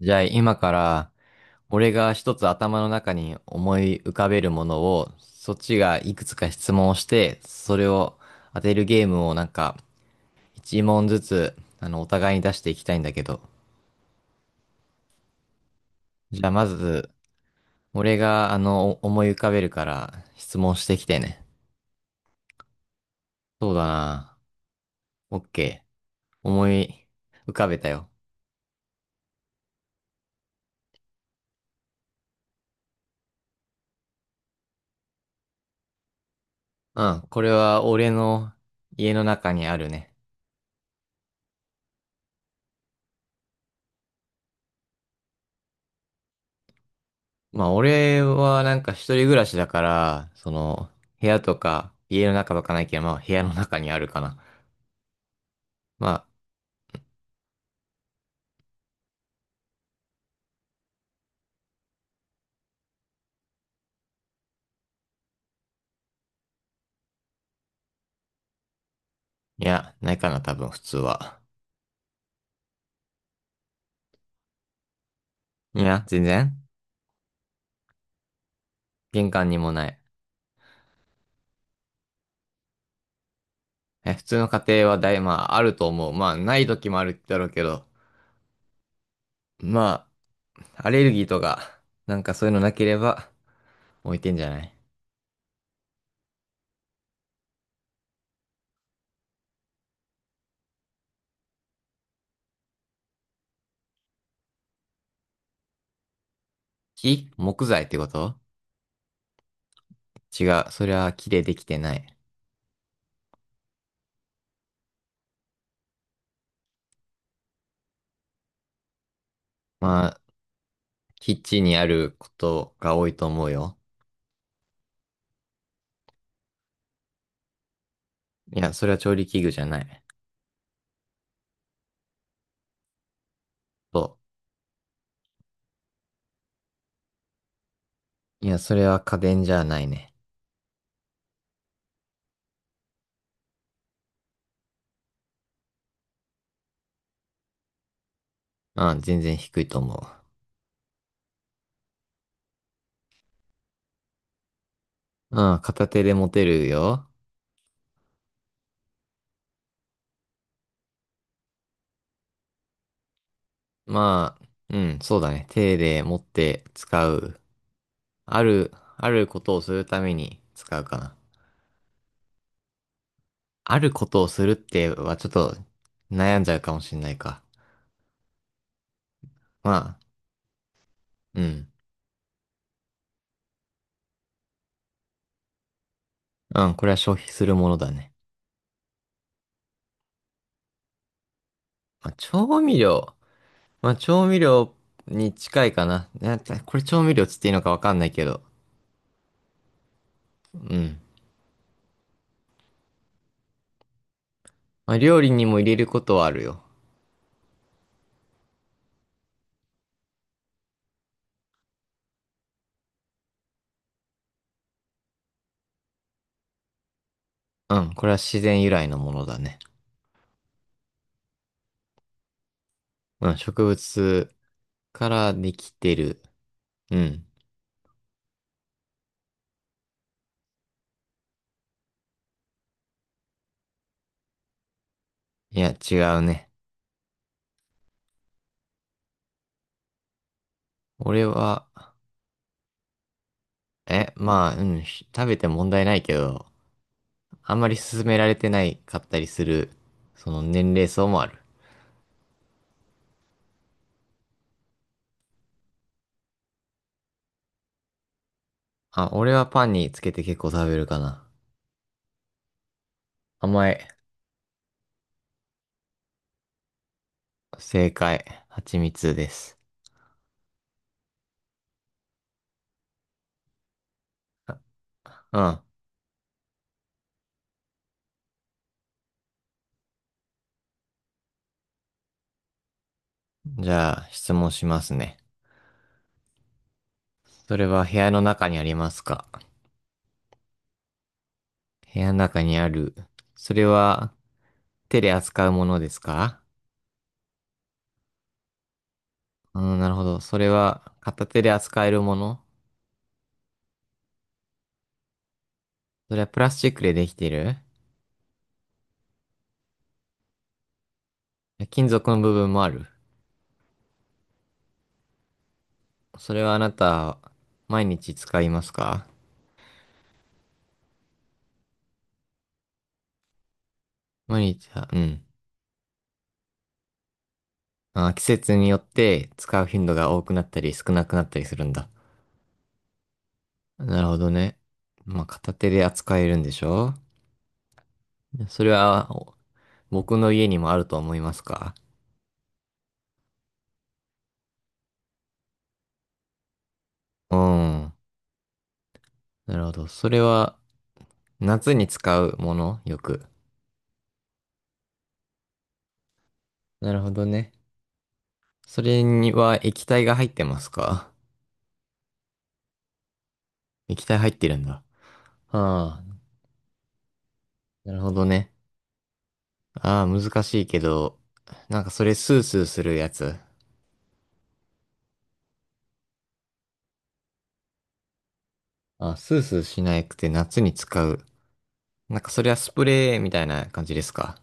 じゃあ今から、俺が一つ頭の中に思い浮かべるものをそっちがいくつか質問をして、それを当てるゲームを、なんか一問ずつ、お互いに出していきたいんだけど。じゃあまず俺が思い浮かべるから、質問してきてね。そうだな、オッケー。思い浮かべたよ。うん、これは俺の家の中にあるね。まあ、俺はなんか一人暮らしだから、部屋とか、家の中とかないけど、まあ、部屋の中にあるかな。まあ、いや、ないかな、多分、普通は。いや、全然。玄関にもない。え、普通の家庭はまあ、あると思う。まあ、ない時もあるだろうけど、まあ、アレルギーとか、なんかそういうのなければ、置いてんじゃない？木材ってこと？違う。それは木でできてない。まあ、キッチンにあることが多いと思うよ。いや、それは調理器具じゃない。そう。いや、それは家電じゃないね。うん、全然低いと思う。うん、片手で持てるよ。まあ、うん、そうだね。手で持って使う。ある、あることをするために使うかな。あることをするってはちょっと悩んじゃうかもしんないか。まあ、うん。うん、これは消費するものだね。まあ、調味料。まあ、調味料に近いかな。なんかこれ調味料つっていいのかわかんないけど。うん。まあ、料理にも入れることはあるよ。うん、これは自然由来のものだね。うん、植物からできてる。うん。いや、違うね。俺は、まあ、うん、食べて問題ないけど、あんまり勧められてないかったりする、その年齢層もある。あ、俺はパンにつけて結構食べるかな。甘い。正解。蜂蜜です。うん。じゃあ、質問しますね。それは部屋の中にありますか？部屋の中にある。それは手で扱うものですか？うん、なるほど。それは片手で扱えるもの？それはプラスチックでできている？金属の部分もある。それはあなた、毎日使いますか？毎日は、うん。あ、季節によって使う頻度が多くなったり少なくなったりするんだ。なるほどね。まあ、片手で扱えるんでしょ？それは、僕の家にもあると思いますか？うん。なるほど。それは、夏に使うものよく。なるほどね。それには液体が入ってますか？液体入ってるんだ。ああ、なるほどね。ああ、難しいけど、なんかそれスースーするやつ。ああ、スースーしなくて夏に使う。なんかそれはスプレーみたいな感じですか？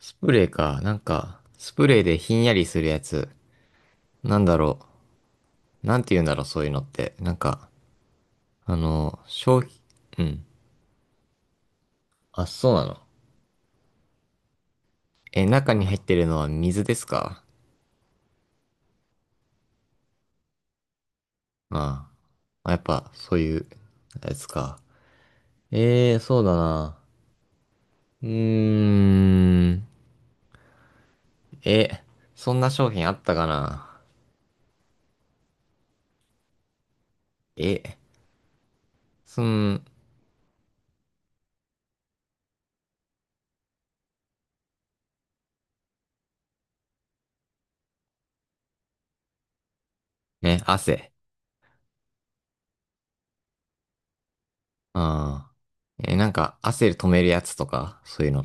スプレーか。なんか、スプレーでひんやりするやつ。なんだろう。なんて言うんだろう、そういうのって。なんか、消費、うん。あ、そうなの。え、中に入ってるのは水ですか？ああ。やっぱ、そういう、やつか。ええ、そうだな。うーん。え、そんな商品あったかな？え、そん、ね、汗。ああ。え、なんか、汗止めるやつとか、そういうの。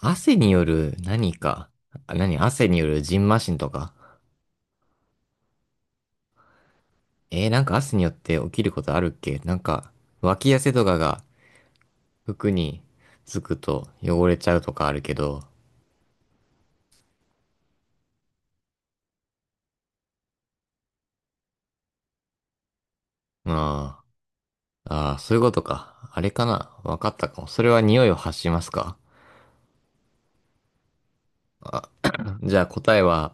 汗による何か。あ、汗による蕁麻疹とか。なんか汗によって起きることあるっけ？なんか、脇汗とかが服につくと汚れちゃうとかあるけど。ああ。ああ、そういうことか。あれかな。わかったかも。それは匂いを発しますか？じゃあ答えは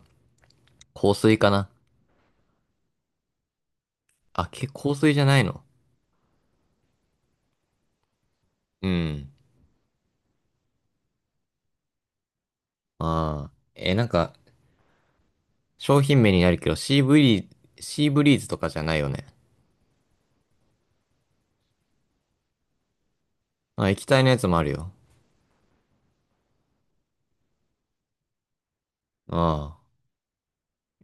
香水かな。あ、香水じゃないの？うん。ああ。え、なんか、商品名になるけど、シーブリーズとかじゃないよね。あ、液体のやつもあるよ。ああ。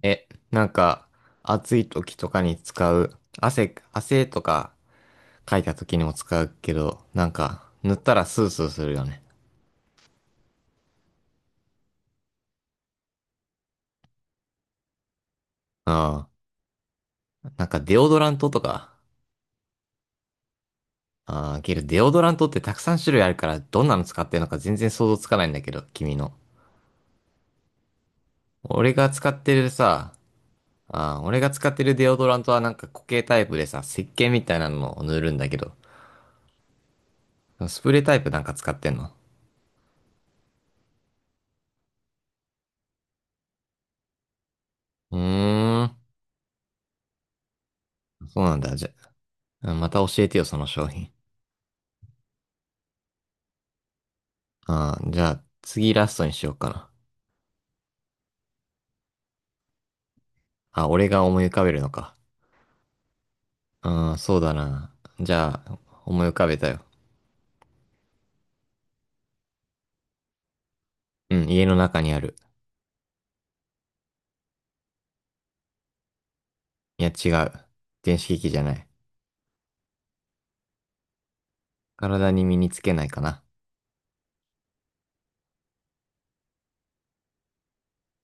え、なんか、暑い時とかに使う、汗とかかいた時にも使うけど、なんか、塗ったらスースーするよね。ああ。なんか、デオドラントとか。ああ、けどデオドラントってたくさん種類あるから、どんなの使ってるのか全然想像つかないんだけど、君の。俺が使ってるさ、ああ、俺が使ってるデオドラントはなんか固形タイプでさ、石鹸みたいなのを塗るんだけど、スプレータイプなんか使ってんの？うーん、そうなんだ。じゃ、うんまた教えてよ、その商品。ああ、じゃあ、次ラストにしようかな。あ、俺が思い浮かべるのか。うん、そうだな。じゃあ、思い浮かべたよ。うん、家の中にある。いや、違う。電子機器じゃない。体に身につけないかな。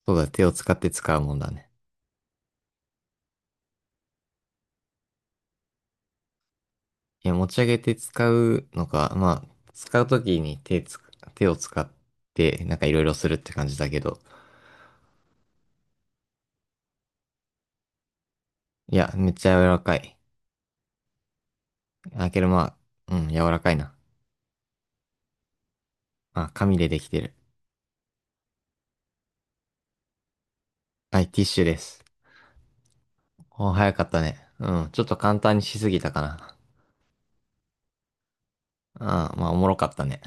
そうだ、手を使って使うもんだね。いや、持ち上げて使うのか、まあ、使うときに手を使って、なんかいろいろするって感じだけど。いや、めっちゃ柔らかい。あ、けどまあ、うん、柔らかいな。まあ、紙でできてる。はい、ティッシュです。お、早かったね。うん、ちょっと簡単にしすぎたかな。あ、まあ、おもろかったね。